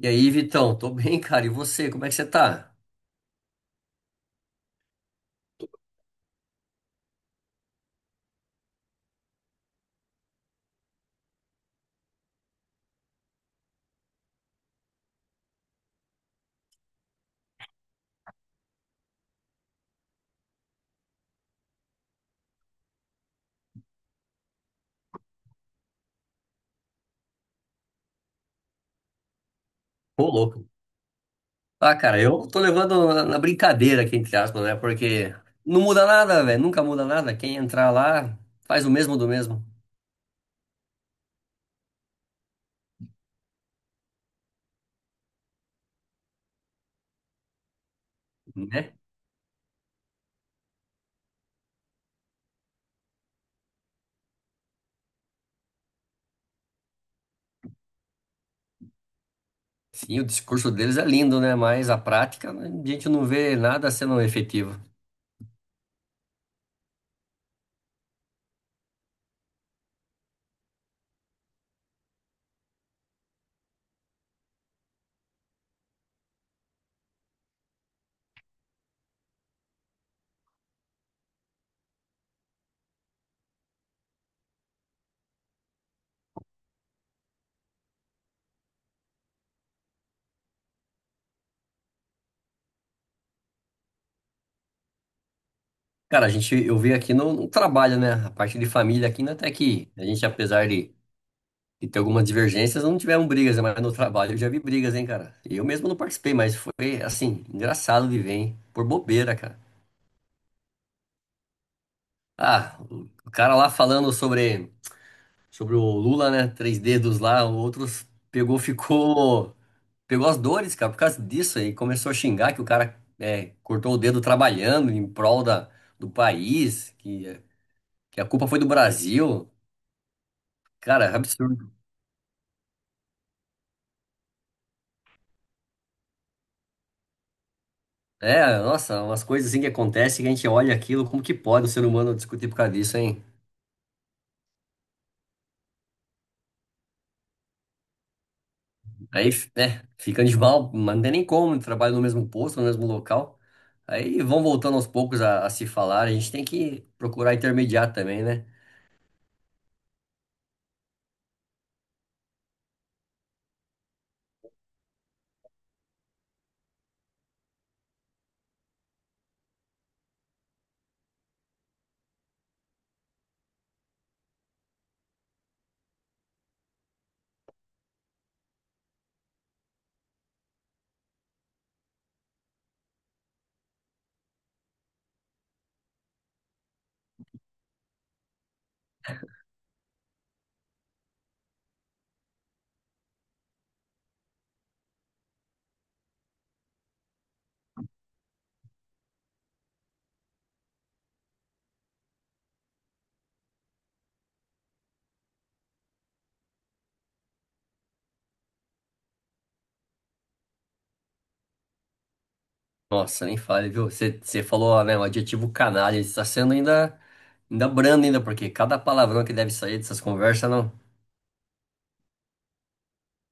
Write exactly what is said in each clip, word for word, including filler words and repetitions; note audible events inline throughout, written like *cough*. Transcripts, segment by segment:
E aí, Vitão, tô bem, cara. E você, como é que você tá? Ô, louco. Ah, cara, eu tô levando na na brincadeira aqui, entre aspas, né? Porque não muda nada, velho. Nunca muda nada. Quem entrar lá faz o mesmo do mesmo, né? Sim, o discurso deles é lindo, né? Mas a prática, né, a gente não vê nada sendo efetivo. Cara, a gente, eu vi aqui no, no trabalho, né? A parte de família aqui, né? Até que a gente, apesar de e tem algumas divergências, não tiveram brigas, né? Mas no trabalho eu já vi brigas, hein, cara. Eu mesmo não participei, mas foi, assim, engraçado de ver, hein? Por bobeira, cara. Ah, o cara lá falando sobre, sobre o Lula, né? Três dedos lá, outros pegou, ficou. Pegou as dores, cara, por causa disso aí. Começou a xingar que o cara é, cortou o dedo trabalhando em prol da, do país, que, que a culpa foi do Brasil. Cara, é absurdo. É, nossa, umas coisas assim que acontecem que a gente olha aquilo, como que pode o ser humano discutir por causa disso, hein? Aí, né, fica de mal, mas não tem nem como, trabalha no mesmo posto, no mesmo local. Aí vão voltando aos poucos a, a se falar, a gente tem que procurar intermediar também, né? Nossa, nem fale, viu? Você você falou, né, o adjetivo canalha, está sendo ainda, ainda brando ainda, porque cada palavrão que deve sair dessas conversas, não.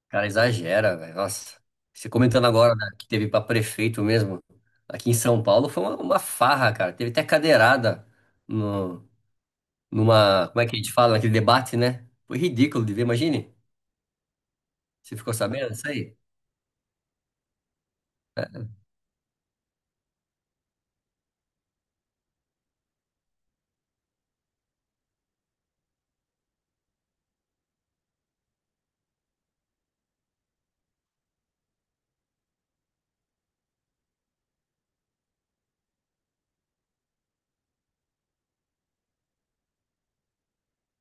Cara, exagera, velho. Nossa, você comentando agora, né, que teve pra prefeito mesmo, aqui em São Paulo, foi uma, uma farra, cara. Teve até cadeirada no, numa. Como é que a gente fala? Naquele debate, né? Foi ridículo de ver, imagine. Você ficou sabendo disso aí?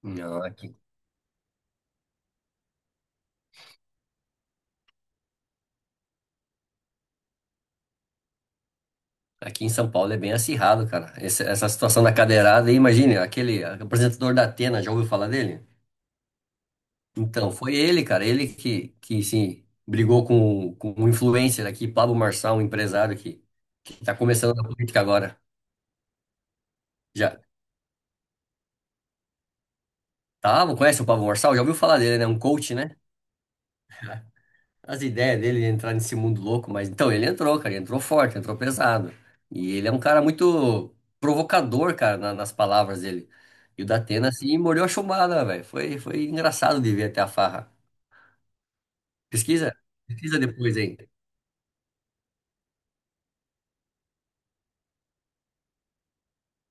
Não, aqui, aqui em São Paulo é bem acirrado, cara. Esse- essa situação da cadeirada aí, imagine, aquele apresentador da Atena, já ouviu falar dele? Então, foi ele, cara, ele que, que sim, brigou com, com um influencer aqui, Pablo Marçal, um empresário que, que tá começando na política agora. Já tá, conhece o Pablo Marçal? Já ouviu falar dele, né? Um coach, né? As ideias dele de entrar nesse mundo louco, mas então ele entrou, cara, ele entrou forte, entrou pesado. E ele é um cara muito provocador, cara, na- nas palavras dele. E o Datena, assim, mordeu a chumbada, velho. Foi, foi engraçado de ver até a farra. Pesquisa, pesquisa depois, hein?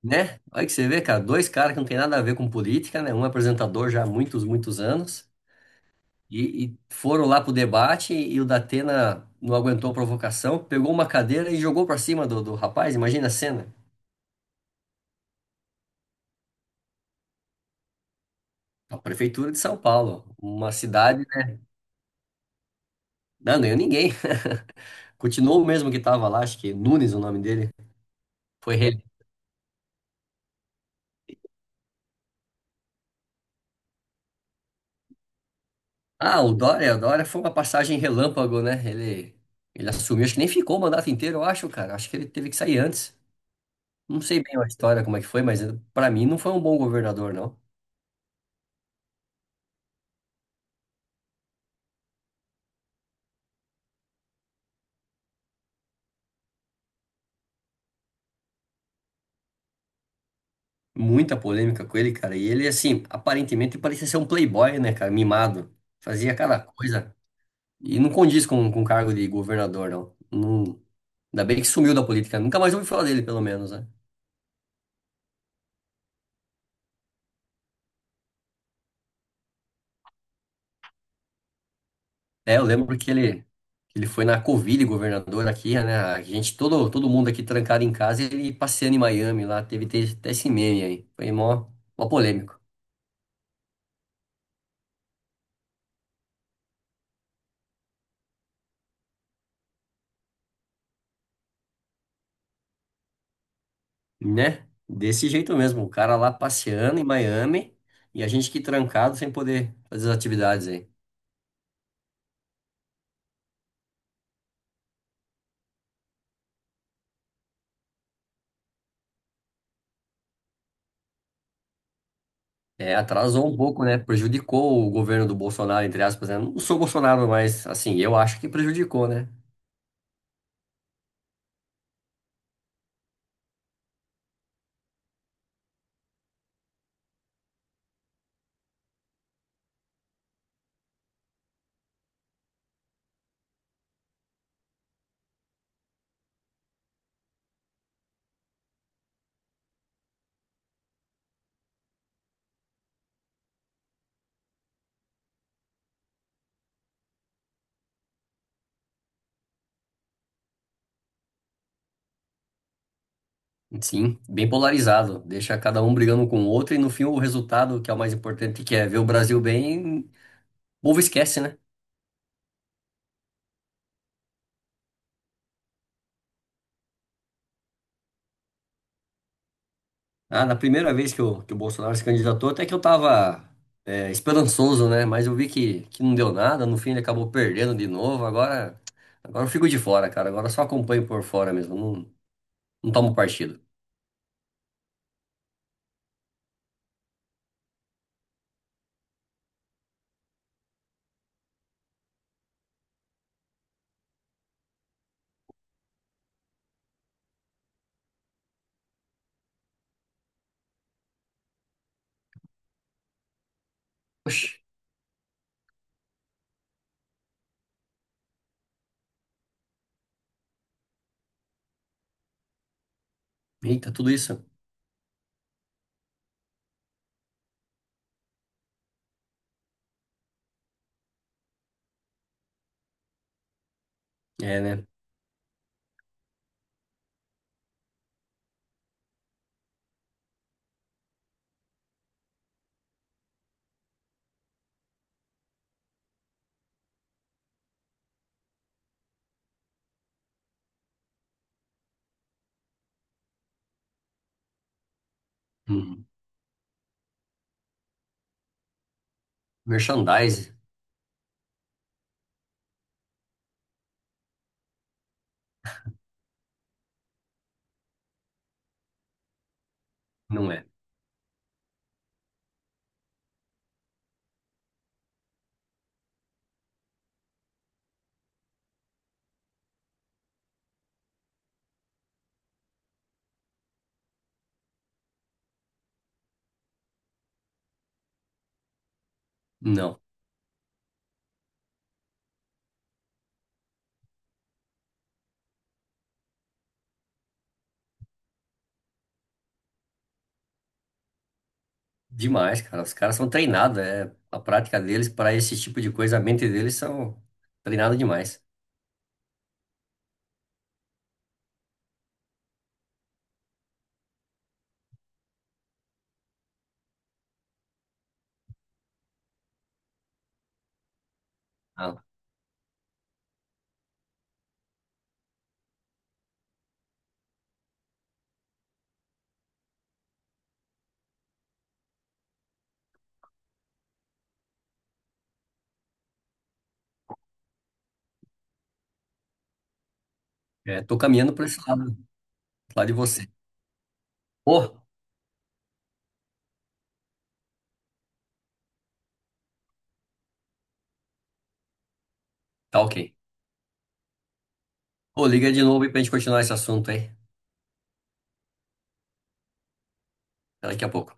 Né? Olha que você vê, cara, dois caras que não tem nada a ver com política, né? Um é apresentador já há muitos, muitos anos, e, e foram lá pro debate e o Datena não aguentou a provocação, pegou uma cadeira e jogou pra cima do, do rapaz, imagina a cena. A prefeitura de São Paulo, uma cidade, né? Não ganhou ninguém. *laughs* Continuou o mesmo que tava lá, acho que Nunes o nome dele, foi ele. Ah, o Dória, o Dória foi uma passagem relâmpago, né? Ele, ele assumiu, acho que nem ficou o mandato inteiro, eu acho, cara. Acho que ele teve que sair antes. Não sei bem a história, como é que foi, mas eh, pra mim não foi um bom governador, não. Muita polêmica com ele, cara. E ele, assim, aparentemente parecia ser um playboy, né, cara? Mimado. Fazia cada coisa. E não condiz com, com o cargo de governador, não. Não- Ainda bem que sumiu da política. Nunca mais ouvi falar dele, pelo menos, né? É, eu lembro que ele, que ele foi na Covid, governador aqui, né? A gente, todo, todo mundo aqui trancado em casa, ele passeando em Miami lá. Teve até até esse meme aí. Foi mó, mó polêmico. Né? Desse jeito mesmo, o cara lá passeando em Miami e a gente aqui trancado sem poder fazer as atividades aí. É, atrasou um pouco, né? Prejudicou o governo do Bolsonaro, entre aspas, né? Não sou Bolsonaro, mas assim, eu acho que prejudicou, né? Sim, bem polarizado. Deixa cada um brigando com o outro e no fim o resultado, que é o mais importante, que é ver o Brasil bem, o povo esquece, né? Ah, na primeira vez que o, que o Bolsonaro se candidatou, até que eu tava é, esperançoso, né? Mas eu vi que, que não deu nada, no fim ele acabou perdendo de novo. Agora, agora eu fico de fora, cara. Agora eu só acompanho por fora mesmo, não, não tomo partido. Oxi, eita, tudo isso? É, né? Hum, merchandise, não é? Não, demais, cara. Os caras são treinados, é a prática deles para esse tipo de coisa, a mente deles são treinada demais. Ah, é, tô caminhando para esse lado, lá de você. Oh, tá ok. Pô, liga de novo aí pra gente continuar esse assunto aí. Daqui a pouco.